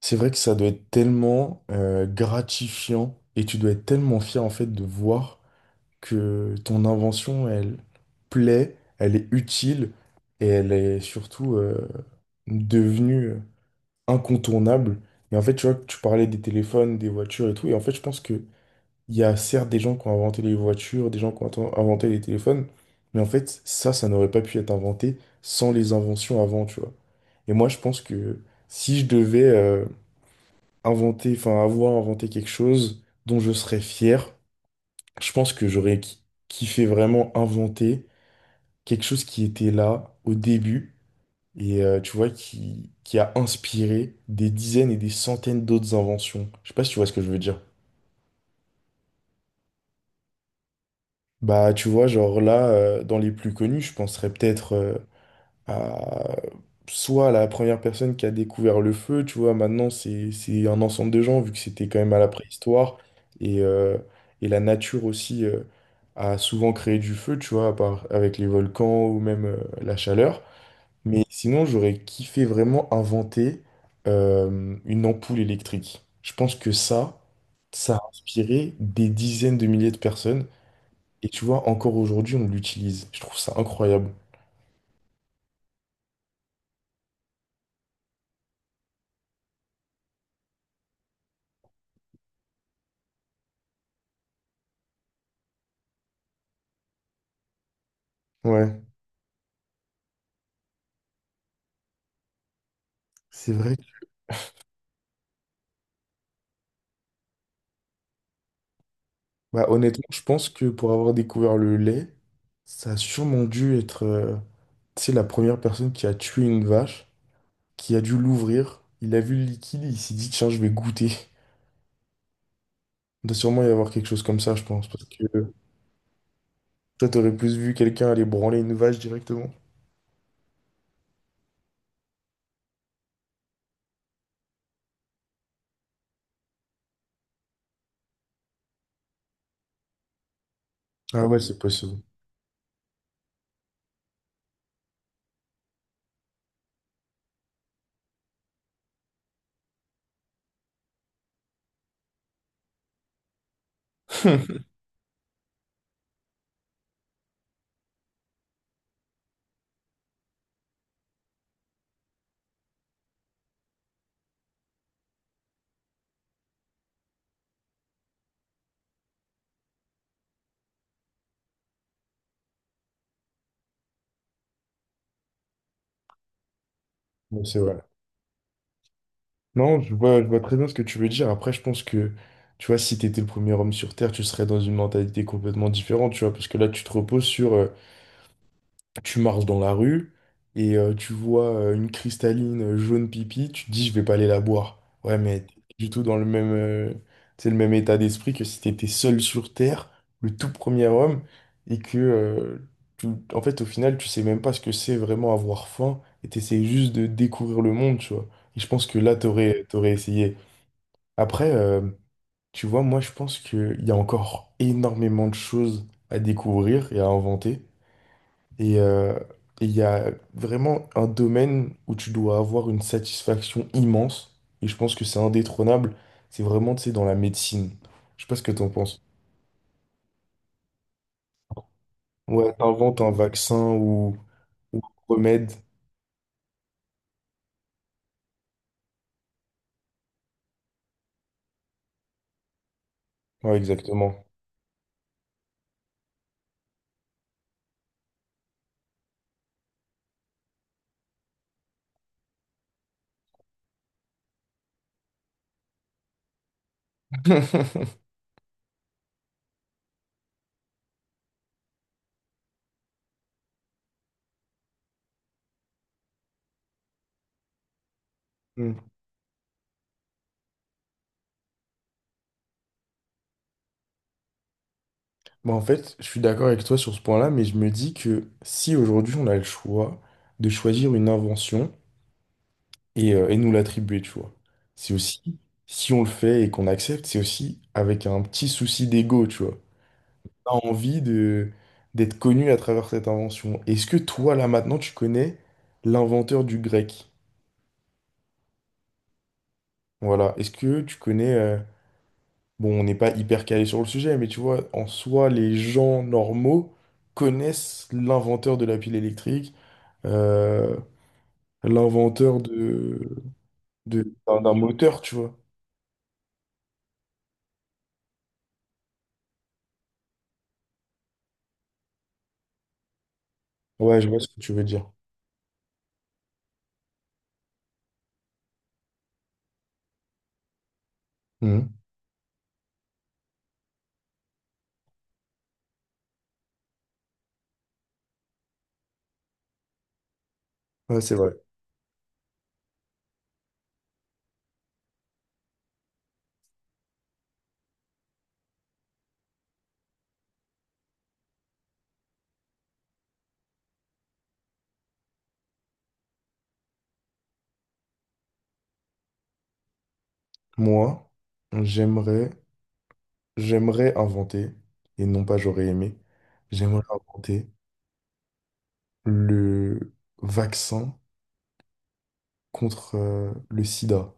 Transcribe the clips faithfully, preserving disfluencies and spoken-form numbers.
C'est vrai que ça doit être tellement euh, gratifiant et tu dois être tellement fier en fait de voir que ton invention, elle plaît, elle est utile et elle est surtout euh, devenue euh, incontournable. Mais en fait, tu vois, tu parlais des téléphones, des voitures et tout. Et en fait, je pense que il y a certes des gens qui ont inventé les voitures, des gens qui ont atten- inventé les téléphones, mais en fait, ça, ça n'aurait pas pu être inventé sans les inventions avant, tu vois. Et moi, je pense que si je devais euh, inventer, enfin avoir inventé quelque chose dont je serais fier. Je pense que j'aurais ki- kiffé vraiment inventer quelque chose qui était là au début et euh, tu vois qui, qui a inspiré des dizaines et des centaines d'autres inventions. Je sais pas si tu vois ce que je veux dire. Bah tu vois genre là euh, dans les plus connus, je penserais peut-être euh, à soit la première personne qui a découvert le feu, tu vois, maintenant c'est c'est un ensemble de gens, vu que c'était quand même à la préhistoire, et, euh, et la nature aussi euh, a souvent créé du feu, tu vois, à part- avec les volcans ou même euh, la chaleur. Mais sinon, j'aurais kiffé vraiment inventer euh, une ampoule électrique. Je pense que ça, ça a inspiré des dizaines de milliers de personnes. Et tu vois, encore aujourd'hui, on l'utilise. Je trouve ça incroyable. Ouais, c'est vrai. Bah, honnêtement, je pense que pour avoir découvert le lait, ça a sûrement dû être euh, tu sais, la première personne qui a tué une vache, qui a dû l'ouvrir. Il a vu le liquide, il s'est dit, tiens, je vais goûter. Il doit sûrement y avoir quelque chose comme ça, je pense. Parce que toi, t'aurais plus vu quelqu'un aller branler une vache directement. Ah ouais, c'est possible. Mais c'est vrai. Non, je vois, je vois très bien ce que tu veux dire. Après, je pense que, tu vois, si t'étais le premier homme sur Terre, tu serais dans une mentalité complètement différente, tu vois, parce que là, tu te reposes sur euh, tu marches dans la rue et euh, tu vois euh, une cristalline euh, jaune pipi, tu te dis je vais pas aller la boire. Ouais, mais t'es pas du tout dans le même, euh, tu sais, le même état d'esprit que si t'étais seul sur Terre, le tout premier homme, et que euh, tu- en fait au final tu sais même pas ce que c'est vraiment avoir faim et t'essayes juste de découvrir le monde, tu vois. Et je pense que là t'aurais t'aurais essayé. Après, euh, tu vois, moi je pense qu'il y a encore énormément de choses à découvrir et à inventer. Et euh, il y a vraiment un domaine où tu dois avoir une satisfaction immense. Et je pense que c'est indétrônable. C'est vraiment, tu sais, dans la médecine. Je sais pas ce que t'en penses. Ouais, t'inventes un vaccin ou, ou un remède. Ouais, exactement. Hmm. Bah, en fait, je suis d'accord avec toi sur ce point-là, mais je me dis que si aujourd'hui on a le choix de choisir une invention et, euh, et nous l'attribuer, tu vois, c'est aussi, si on le fait et qu'on accepte, c'est aussi avec un petit souci d'ego, tu vois. A envie de d'être connu à travers cette invention. Est-ce que toi, là, maintenant, tu connais l'inventeur du grec? Voilà. Est-ce que tu connais... euh, Bon, on n'est pas hyper calé sur le sujet, mais tu vois, en soi, les gens normaux connaissent l'inventeur de la pile électrique, euh, l'inventeur de, de- d'un d'un moteur, tu vois. Ouais, je vois ce que tu veux dire. Mhm. Ouais, c'est vrai. Moi, j'aimerais, j'aimerais inventer, et non pas j'aurais aimé, j'aimerais inventer le vaccin contre euh, le sida.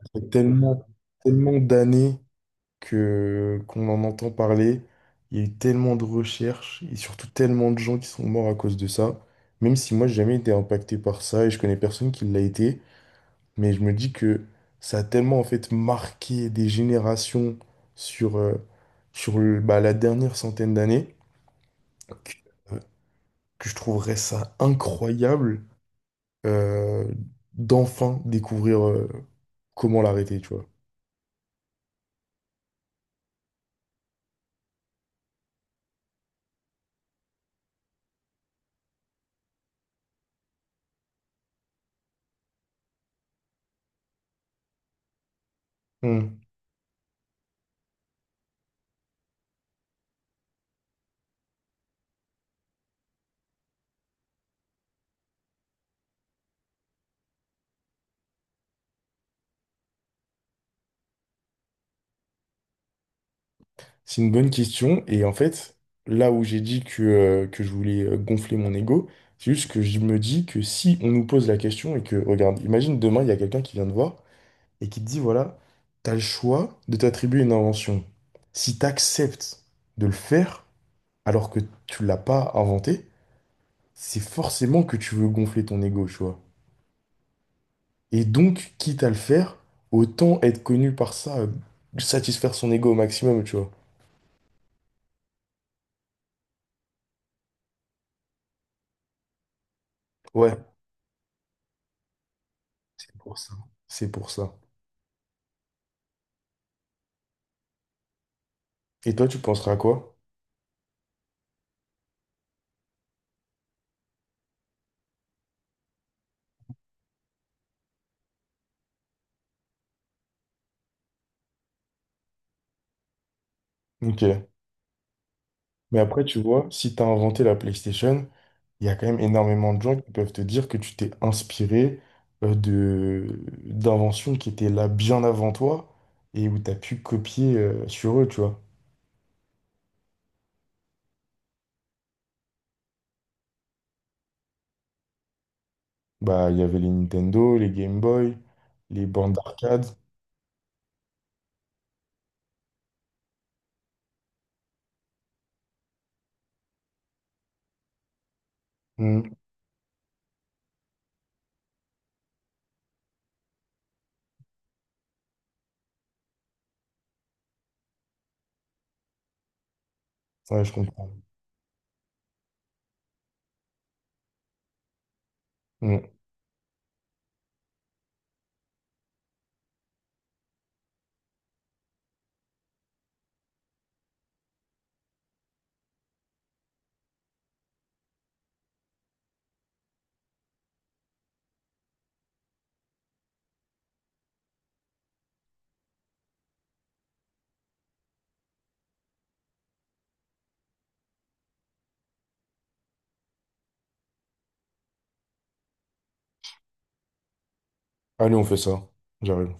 Ça fait tellement, tellement d'années que qu'on en entend parler. Il y a eu tellement de recherches et surtout tellement de gens qui sont morts à cause de ça. Même si moi, j'ai jamais été impacté par ça et je connais personne qui l'a été. Mais je me dis que ça a tellement en fait marqué des générations sur, euh, sur le- bah, la dernière centaine d'années que, euh, que je trouverais ça incroyable euh, d'enfin découvrir euh, comment l'arrêter, tu vois. Hmm. C'est une bonne question. Et en fait, là où j'ai dit que, euh, que je voulais euh, gonfler mon ego, c'est juste que je me dis que si on nous pose la question et que, regarde, imagine demain, il y a quelqu'un qui vient te voir et qui te dit, voilà, t'as le choix de t'attribuer une invention. Si t'acceptes de le faire alors que tu l'as pas inventé, c'est forcément que tu veux gonfler ton ego, tu vois. Et donc, quitte à le faire, autant être connu par ça, euh, satisfaire son ego au maximum, tu vois. Ouais, c'est pour ça. C'est pour ça. Et toi, tu penseras à quoi? Ok. Mais après, tu vois, si t'as inventé la PlayStation, il y a quand même énormément de gens qui peuvent te dire que tu t'es inspiré euh, de d'inventions qui étaient là bien avant toi et où t'as pu copier euh, sur eux, tu vois. Bah, il y avait les Nintendo, les Game Boy, les bandes d'arcade. Hmm. Ouais, je comprends. Mm. Allez, on fait ça. J'arrive.